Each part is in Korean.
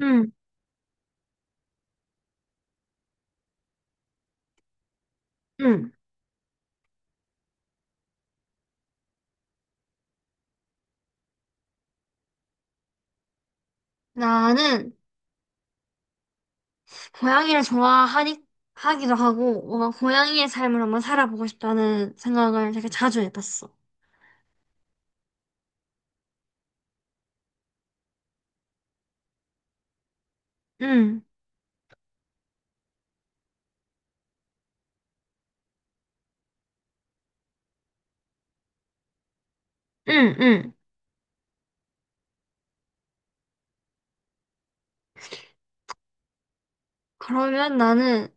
응, 응. 나는 고양이를 좋아하니, 하기도 하고, 뭔가 고양이의 삶을 한번 살아보고 싶다는 생각을 되게 자주 해봤어. 응, 응, 응. 그러면 나는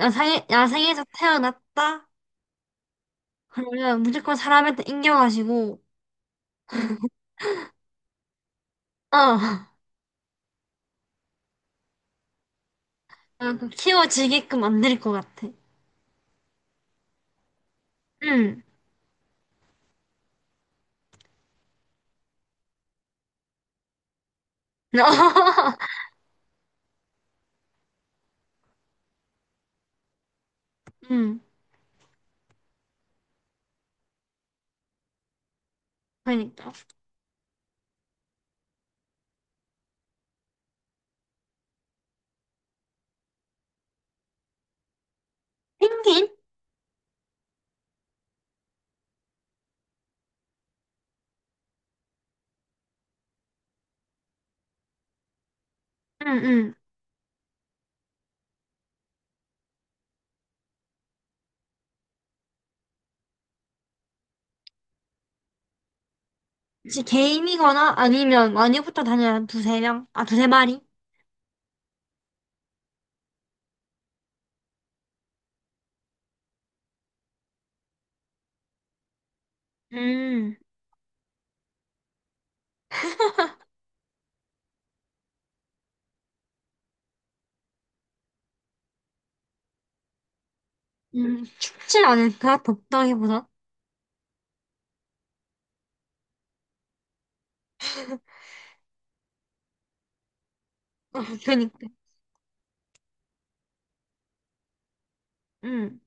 야생에서 태어났다? 그러면 무조건 사람한테 인겨가지고, 어, 약간 키워지게끔 만들 것 같아. 응. 응, 그러니까. 펭귄? 응, 응. 혹시 개인이거나 아니면 많이 붙어 다녀야 한 두세 명? 아, 두세 마리? 음, 춥지 않을까? 덥다기보다. 어, 그니까. 음,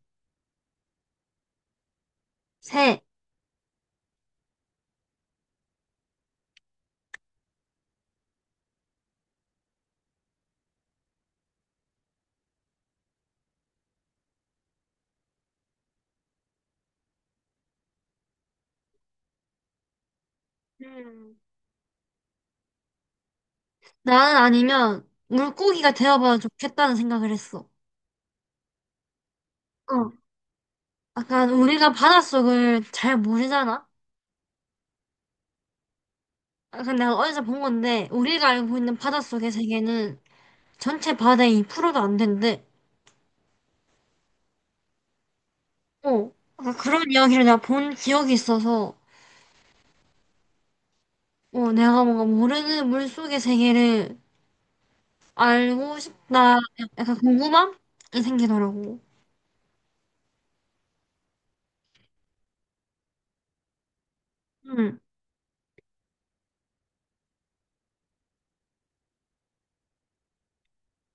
새. 음, 나는 아니면 물고기가 되어봐야 좋겠다는 생각을 했어. 어. 약간 우리가 바닷속을 잘 모르잖아? 약간 내가 어디서 본 건데, 우리가 알고 있는 바닷속의 세계는 전체 바다의 로도 안 된대. 어. 약간 그런 이야기를 내가 본 기억이 있어서, 어, 내가 뭔가 모르는 물속의 세계를 알고 싶다. 약간 궁금함이 생기더라고. 음.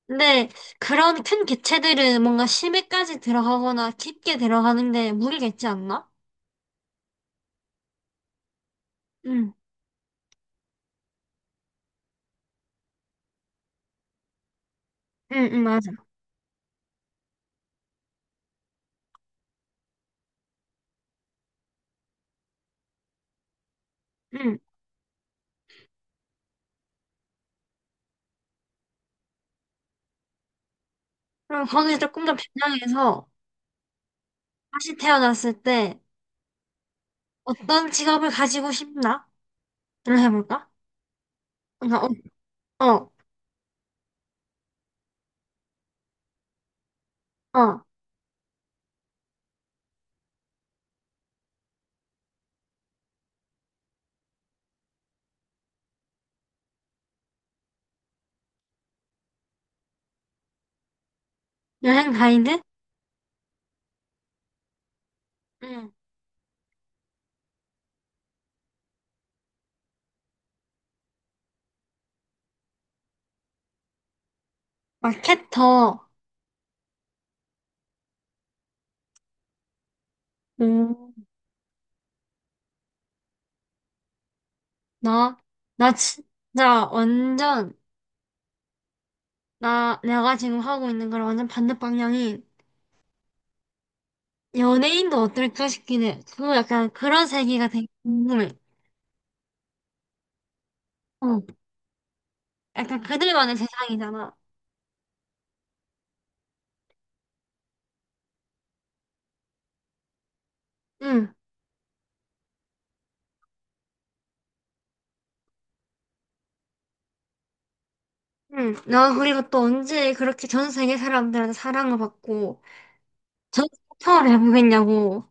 근데 그런 큰 개체들은 뭔가 심해까지 들어가거나 깊게 들어가는데 무리겠지 않나? 응, 응, 응, 맞아. 응. 그럼 거기서 조금 더 변형해서 다시 태어났을 때 어떤 직업을 가지고 싶나?를 해볼까? 그러니까 어, 어, 어. 여행 가이드? 응. 마케터. 오, 나, 나 진짜 완전, 나, 내가 지금 하고 있는 거랑 완전 반대 방향인 연예인도 어떨까 싶긴 해. 그 약간 그런 세계가 되게 궁금해. 어, 약간 그들만의 세상이잖아. 응, 응. 나 그리고 또 언제 그렇게 전 세계 사람들한테 사랑을 받고 전 세계 투어를 해보겠냐고.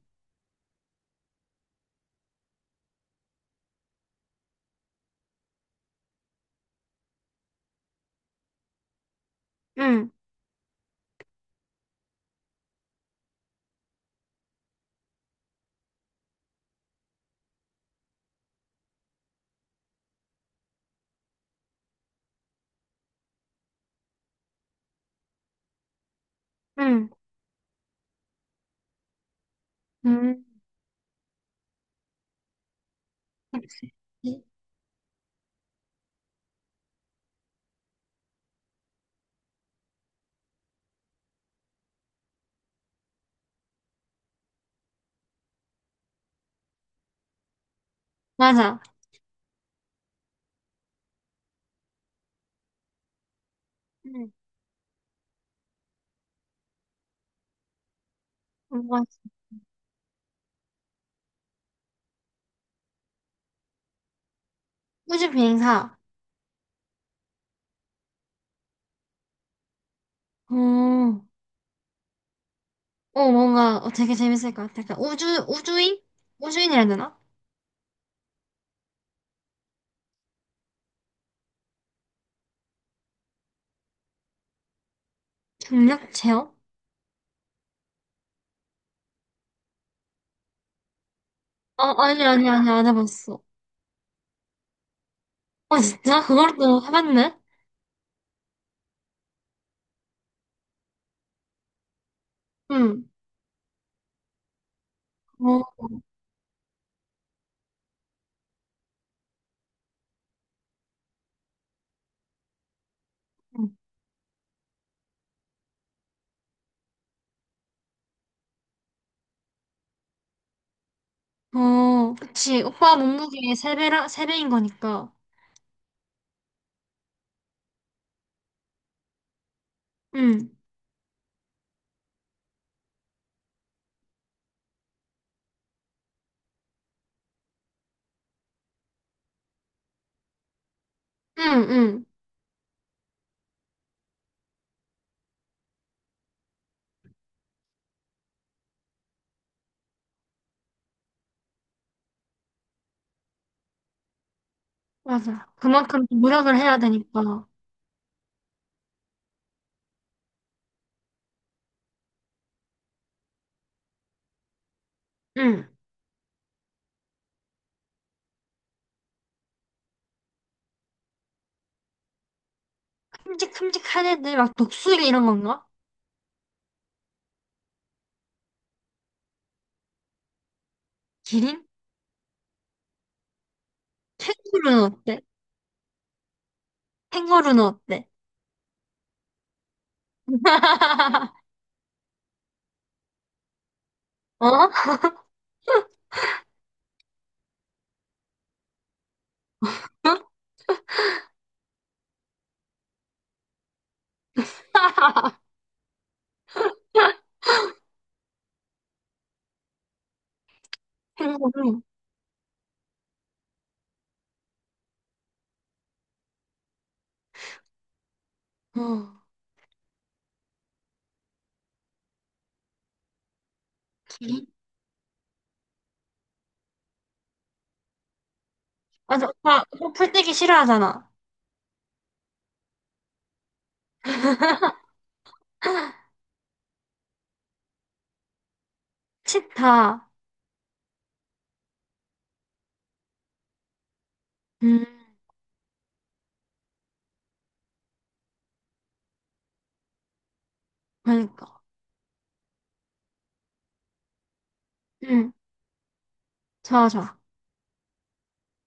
응, 응, 응. 그치. 맞아. 응. 뭔가 우주 비행사. 어, 어, 뭔가 어, 되게 재밌을 것 같아. 약간 우주, 우주인? 우주인이라 해야 되나? 중력 체험? 어, 아니, 아니, 아니, 안 해봤어. 어, 진짜? 그걸 또 해봤네? 응. 어, 어, 그치. 오빠 몸무게의 세배라세배인 거니까. 응, 응, 응. 맞아. 그만큼 또 노력을 해야 되니까. 응. 큼직큼직한 애들, 막 독수리 이런 건가? 기린? 캥거루는 어때? 캥거루는 어때? 어? 캥거루. 어, 기린? 맞아. 오빠, 오빠 풀떼기 싫어하잖아. 치타. 음, 그러니까. 응, 좋아, 좋아.